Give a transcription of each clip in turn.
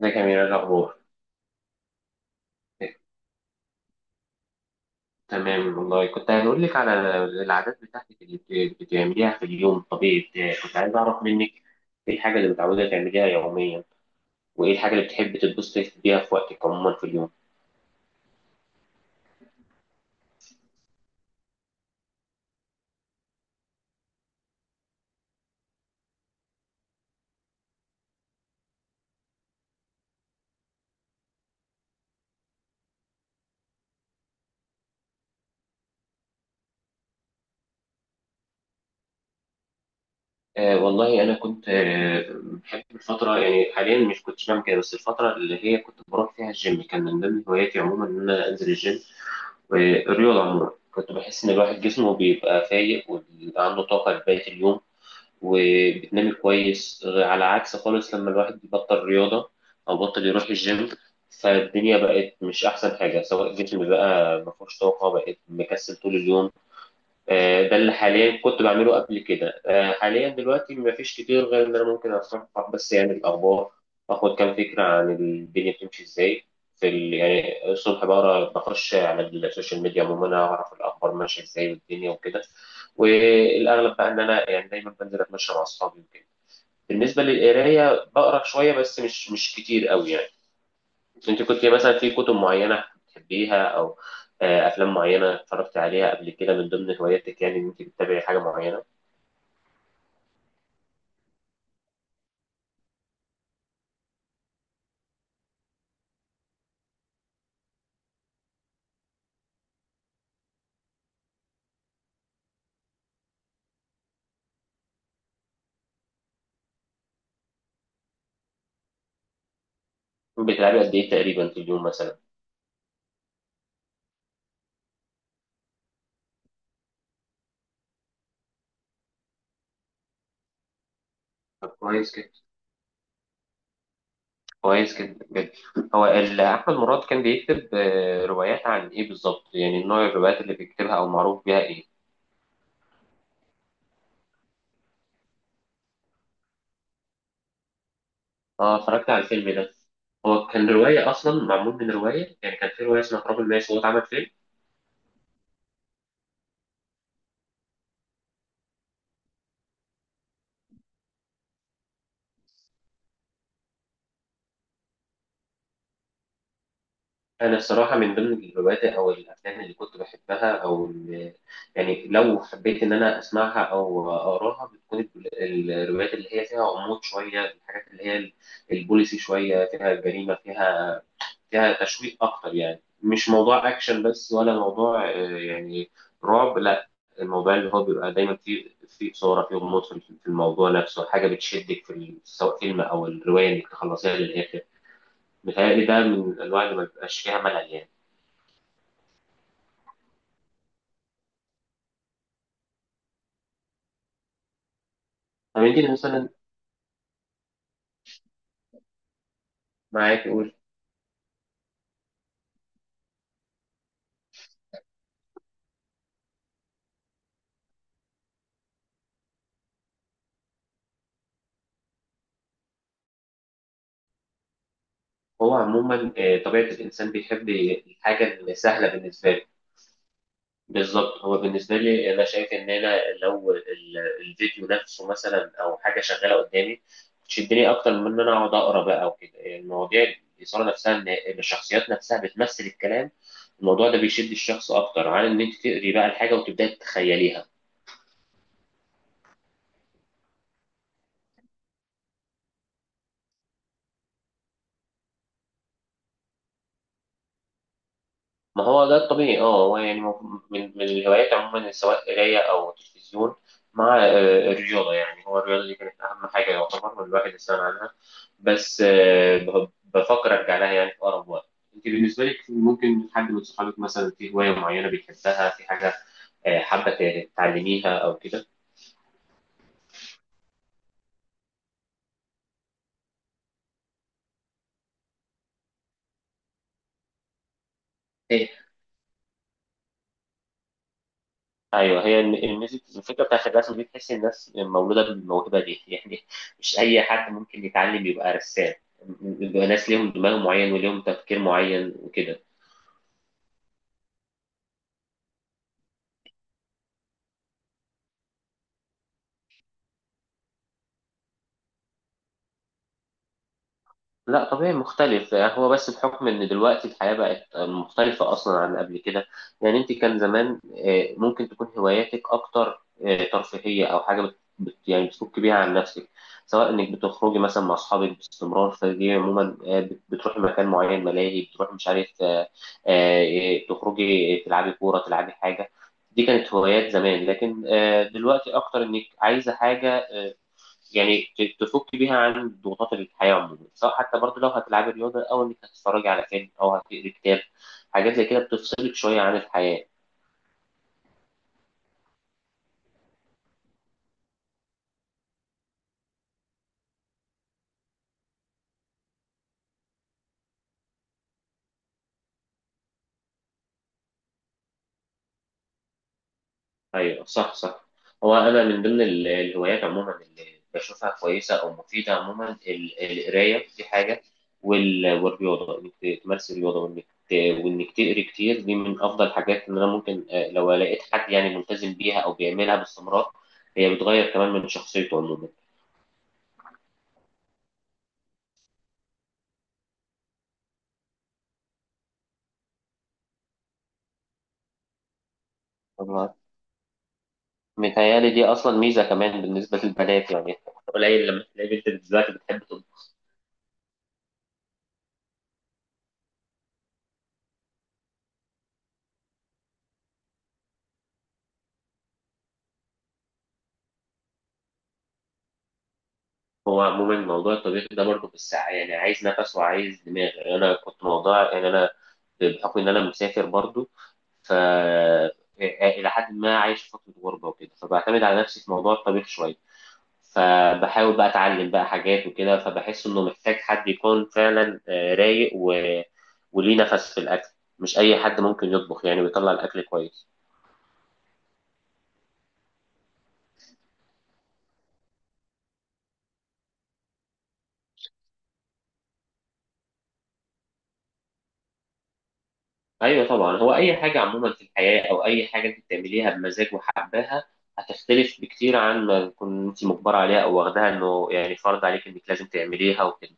ازيك يا أميرة، إيه الأخبار؟ إيه، تمام والله. كنت هقول لك على العادات بتاعتك اللي بتعمليها في اليوم الطبيعي بتاعك. كنت عايز أعرف منك إيه الحاجة اللي متعودة تعمليها يوميا، وإيه الحاجة اللي بتحبي تتبسطي بيها في وقتك عموما في اليوم؟ آه والله، أنا كنت بحب الفترة، يعني حاليا مش كنتش بعمل كده، بس الفترة اللي هي كنت بروح فيها الجيم كان من ضمن هواياتي عموما، إن أنا أنزل الجيم والرياضة عموما. كنت بحس إن الواحد جسمه بيبقى فايق وعنده طاقة لبقية اليوم، وبتنامي كويس، على عكس خالص لما الواحد بيبطل رياضة أو بطل يروح الجيم، فالدنيا بقت مش أحسن حاجة، سواء الجسم بقى مفهوش طاقة، بقت مكسل طول اليوم. ده اللي حاليا كنت بعمله قبل كده. حاليا دلوقتي مفيش كتير غير ان انا ممكن اصفح بس يعني الاخبار، اخد كام فكره عن الدنيا بتمشي ازاي. يعني الصبح بقرا، بخش على السوشيال ميديا عموما، اعرف الاخبار ماشيه ازاي والدنيا وكده. والاغلب بقى ان انا يعني دايما بنزل اتمشى مع اصحابي وكده. بالنسبه للقرايه بقرا شويه، بس مش كتير قوي يعني. انت كنت مثلا في كتب معينة بتحبيها، او افلام معينة اتفرجت عليها قبل كده من ضمن هواياتك، يعني ان انت بتتابعي حاجة معينة؟ بتلعبي قد ايه تقريبا في اليوم مثلا؟ طب كويس كده. كويس كده بجد. هو احمد مراد كان بيكتب روايات عن ايه بالظبط؟ يعني نوع الروايات اللي بيكتبها او معروف بيها ايه؟ اه، اتفرجت على الفيلم ده. هو كان رواية أصلا، معمول من رواية، يعني كان في رواية اسمها تراب الماس وهو اتعمل فيلم. أنا الصراحة من ضمن الروايات أو الأفلام اللي كنت بحبها، أو يعني لو حبيت إن أنا أسمعها أو أقراها، بتكون الروايات اللي هي فيها غموض شوية، الحاجات اللي هي البوليسي شوية، فيها جريمة، فيها فيها تشويق أكتر. يعني مش موضوع أكشن بس، ولا موضوع يعني رعب، لا. الموضوع اللي هو بيبقى دايما فيه فيه إثارة، فيه غموض في الموضوع نفسه، حاجة بتشدك في سواء فيلم أو الرواية إنك تخلصيها للآخر. متهيألي ده من الأنواع اللي ما بيبقاش فيها ملل يعني. طب انت مثلا، معاك قول. هو عموما طبيعة الإنسان بيحب الحاجة اللي سهلة بالنسبة له. بالظبط، هو بالنسبة لي أنا شايف إن أنا لو الفيديو نفسه مثلا، أو حاجة شغالة قدامي، تشدني أكتر من إن أنا أقعد أقرأ بقى وكده المواضيع. الإثارة نفسها، إن الشخصيات نفسها بتمثل الكلام، الموضوع ده بيشد الشخص أكتر عن إن أنت تقري بقى الحاجة وتبدأي تتخيليها. ما هو ده الطبيعي. اه، هو يعني من الهوايات عموما سواء قرايه او تلفزيون، مع الرياضه. يعني هو الرياضه دي كانت اهم حاجه يعتبر الواحد استغنى عنها، بس بفكر ارجع لها يعني في اقرب وقت. انت بالنسبه لك ممكن حد من صحابك مثلا في هوايه معينه بيحبها، في حاجه حابه تعلميها او كده؟ ايوه، هي الميوزك، الفكره بتاعت الرسم دي تحس الناس مولوده بالموهبه دي يعني. مش اي حد ممكن يتعلم يبقى رسام، بيبقى ناس ليهم دماغ معين وليهم تفكير معين وكده. لا طبيعي مختلف. هو بس بحكم ان دلوقتي الحياة بقت مختلفة اصلا عن قبل كده. يعني انت كان زمان ممكن تكون هواياتك اكتر ترفيهية، او حاجة يعني بتفك بيها عن نفسك، سواء انك بتخرجي مثلا مع اصحابك باستمرار، فدي عموما بتروحي مكان معين، ملاهي، بتروحي مش عارف، تخرجي، تلعبي كورة، تلعبي حاجة. دي كانت هوايات زمان، لكن دلوقتي اكتر انك عايزة حاجة يعني تفك بيها عن ضغوطات الحياة عموما، سواء حتى برضه لو هتلعبي رياضة، أو إنك هتتفرجي على فيلم، أو هتقري كتاب. حاجات زي كده بتفصلك شوية عن الحياة. أيوه صح، صح. هو أنا من ضمن الهوايات عموما اللي بشوفها كويسة أو مفيدة عموما، القراية دي حاجة، والرياضة، إنك تمارسي الرياضة وإنك وإنك تقري كتير، دي من أفضل الحاجات. إن أنا ممكن لو لقيت حد يعني ملتزم بيها أو بيعملها باستمرار، هي بتغير كمان من شخصيته عموما. متهيألي دي أصلا ميزة كمان بالنسبة للبنات يعني. قليل لما تلاقي بنت دلوقتي بتحب تطبخ. هو عموما موضوع الطبيخ ده برضه في الساعة، يعني عايز نفس وعايز دماغ. يعني أنا كنت موضوع، يعني أنا بحكم إن أنا مسافر برضه، ف إلى حد ما عايش في فترة غربة وكده، فبعتمد على نفسي في موضوع الطبيخ شوية، فبحاول بقى أتعلم بقى حاجات وكده، فبحس إنه محتاج حد يكون فعلا رايق وليه نفس في الأكل. مش أي حد ممكن يطبخ يعني ويطلع الأكل كويس. ايوه طبعا، هو اي حاجه عموما في الحياه، او اي حاجه انت بتعمليها بمزاج وحباها، هتختلف بكتير عن ما تكون انت مجبره عليها، او واخداها انه يعني فرض عليك انك لازم تعمليها وكده.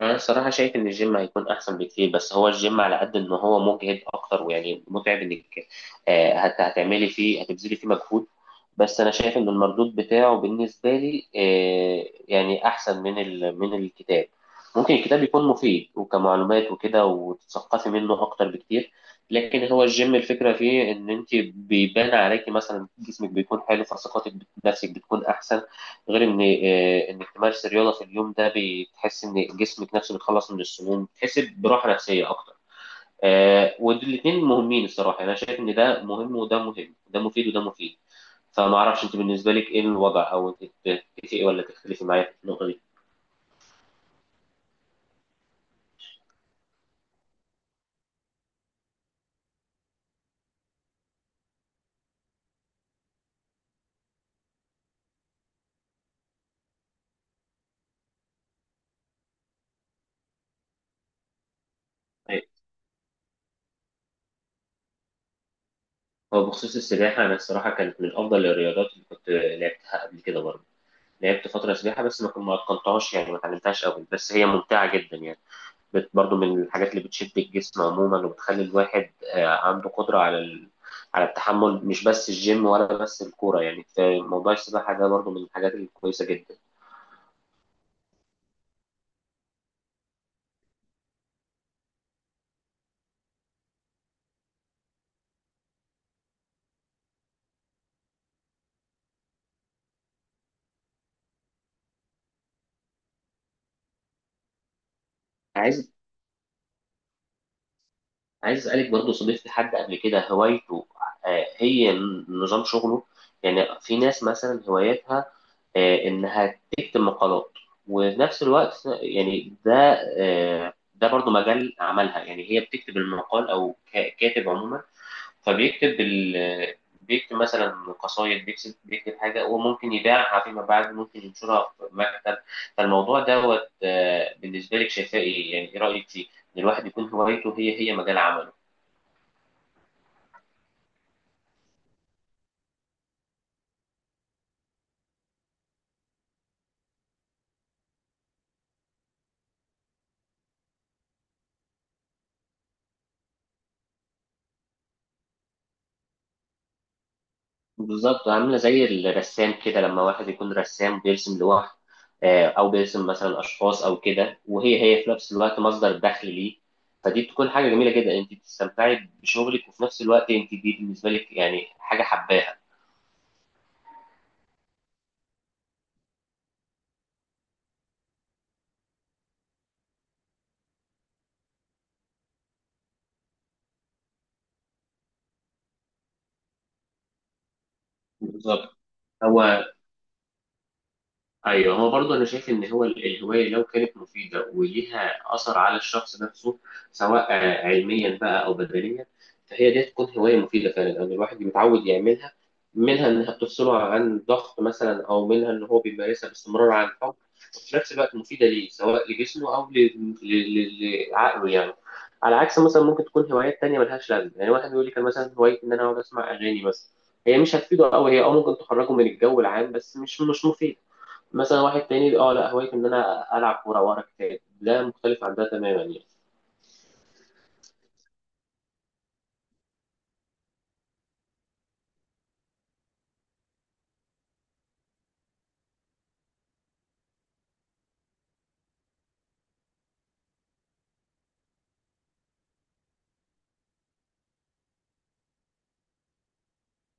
انا الصراحه شايف ان الجيم هيكون احسن بكتير، بس هو الجيم على قد ان هو مجهد اكتر، ويعني متعب، انك هتعملي فيه، هتبذلي فيه مجهود. بس انا شايف ان المردود بتاعه بالنسبه لي يعني احسن من من الكتاب. ممكن الكتاب يكون مفيد وكمعلومات وكده، وتتثقفي منه اكتر بكتير، لكن هو الجيم الفكره فيه ان انت بيبان عليكي مثلا جسمك بيكون حلو، فثقتك بنفسك بتكون احسن. غير ان انك تمارس الرياضه في اليوم، ده بتحس ان جسمك نفسه بيتخلص من السموم، بتحس براحه نفسيه اكتر. والاثنين مهمين الصراحه. يعني انا شايف ان ده مهم وده مهم، ده مفيد وده مفيد. فما اعرفش انت بالنسبه لك ايه الوضع، او انت تتفقي ولا تختلفي معايا في النقطه دي؟ أيوة. هو بخصوص السباحه، انا الصراحه كانت من افضل الرياضات اللي كنت لعبتها قبل كده برضه. لعبت فتره سباحه، بس ما كنت ما اتقنتهاش يعني، ما اتعلمتهاش قوي، بس هي ممتعه جدا يعني. برضو من الحاجات اللي بتشد الجسم عموما، وبتخلي الواحد عنده قدرة على على التحمل، مش بس الجيم ولا بس الكورة، يعني في موضوع السباحة ده برضو من الحاجات الكويسة جدا. عايز عايز أسألك برضو، صديقتي حد قبل كده هوايته هي نظام شغله. يعني في ناس مثلا هوايتها إنها تكتب مقالات، وفي نفس الوقت يعني ده ده برضو مجال عملها. يعني هي بتكتب المقال، أو كاتب عموما، فبيكتب ال... بيكتب مثلا قصايد، بيكتب حاجة وممكن يبيعها فيما بعد، ممكن ينشرها في مكتب. فالموضوع دوت بالنسبة لك شايفاه إيه؟ يعني إيه رأيك فيه؟ إن الواحد يكون هوايته هي مجال عمله. بالظبط، عاملة زي الرسام كده، لما واحد يكون رسام بيرسم لوحده، أو بيرسم مثلا أشخاص أو كده، وهي في نفس الوقت مصدر دخل ليه. فدي بتكون حاجة جميلة جدا، أنت بتستمتعي بشغلك، وفي نفس الوقت أنت دي بالنسبة لك يعني حاجة حباها. بالظبط. هو ايوه، هو برضه انا شايف ان هو الهوايه لو كانت مفيده وليها اثر على الشخص نفسه، سواء علميا بقى او بدنيا، فهي دي تكون هوايه مفيده فعلا، لان الواحد متعود يعملها، منها انها بتفصله عن ضغط مثلا، او منها ان هو بيمارسها باستمرار عن الحب، وفي نفس الوقت مفيده ليه، سواء لجسمه او لعقله يعني. على عكس مثلا ممكن تكون هوايات تانية ملهاش لازمه، يعني واحد بيقول لي كان مثلا هوايتي ان انا اقعد اسمع اغاني بس، هي مش هتفيده قوي، هي اه ممكن تخرجه من الجو العام، بس مش مفيد. مثلا واحد تاني، اه لا هوايته ان انا العب كوره واقرا كتاب، ده مختلف عن ده تماما يعني.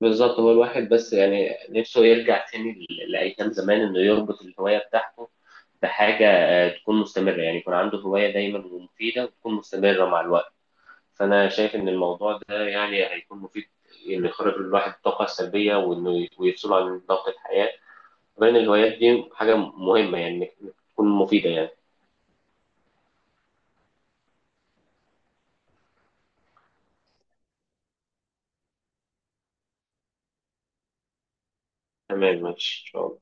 بالظبط. هو الواحد بس يعني نفسه يرجع تاني لايام زمان، انه يربط الهوايه بتاعته بحاجه تكون مستمره، يعني يكون عنده هوايه دايما ومفيده وتكون مستمره مع الوقت. فانا شايف ان الموضوع ده يعني هيكون مفيد، انه يخرج الواحد الطاقه السلبيه، وانه ويفصله عن ضغط الحياه، وبين الهوايات دي حاجه مهمه يعني، إنك تكون مفيده يعني. تمام ماشي. ان شاء الله.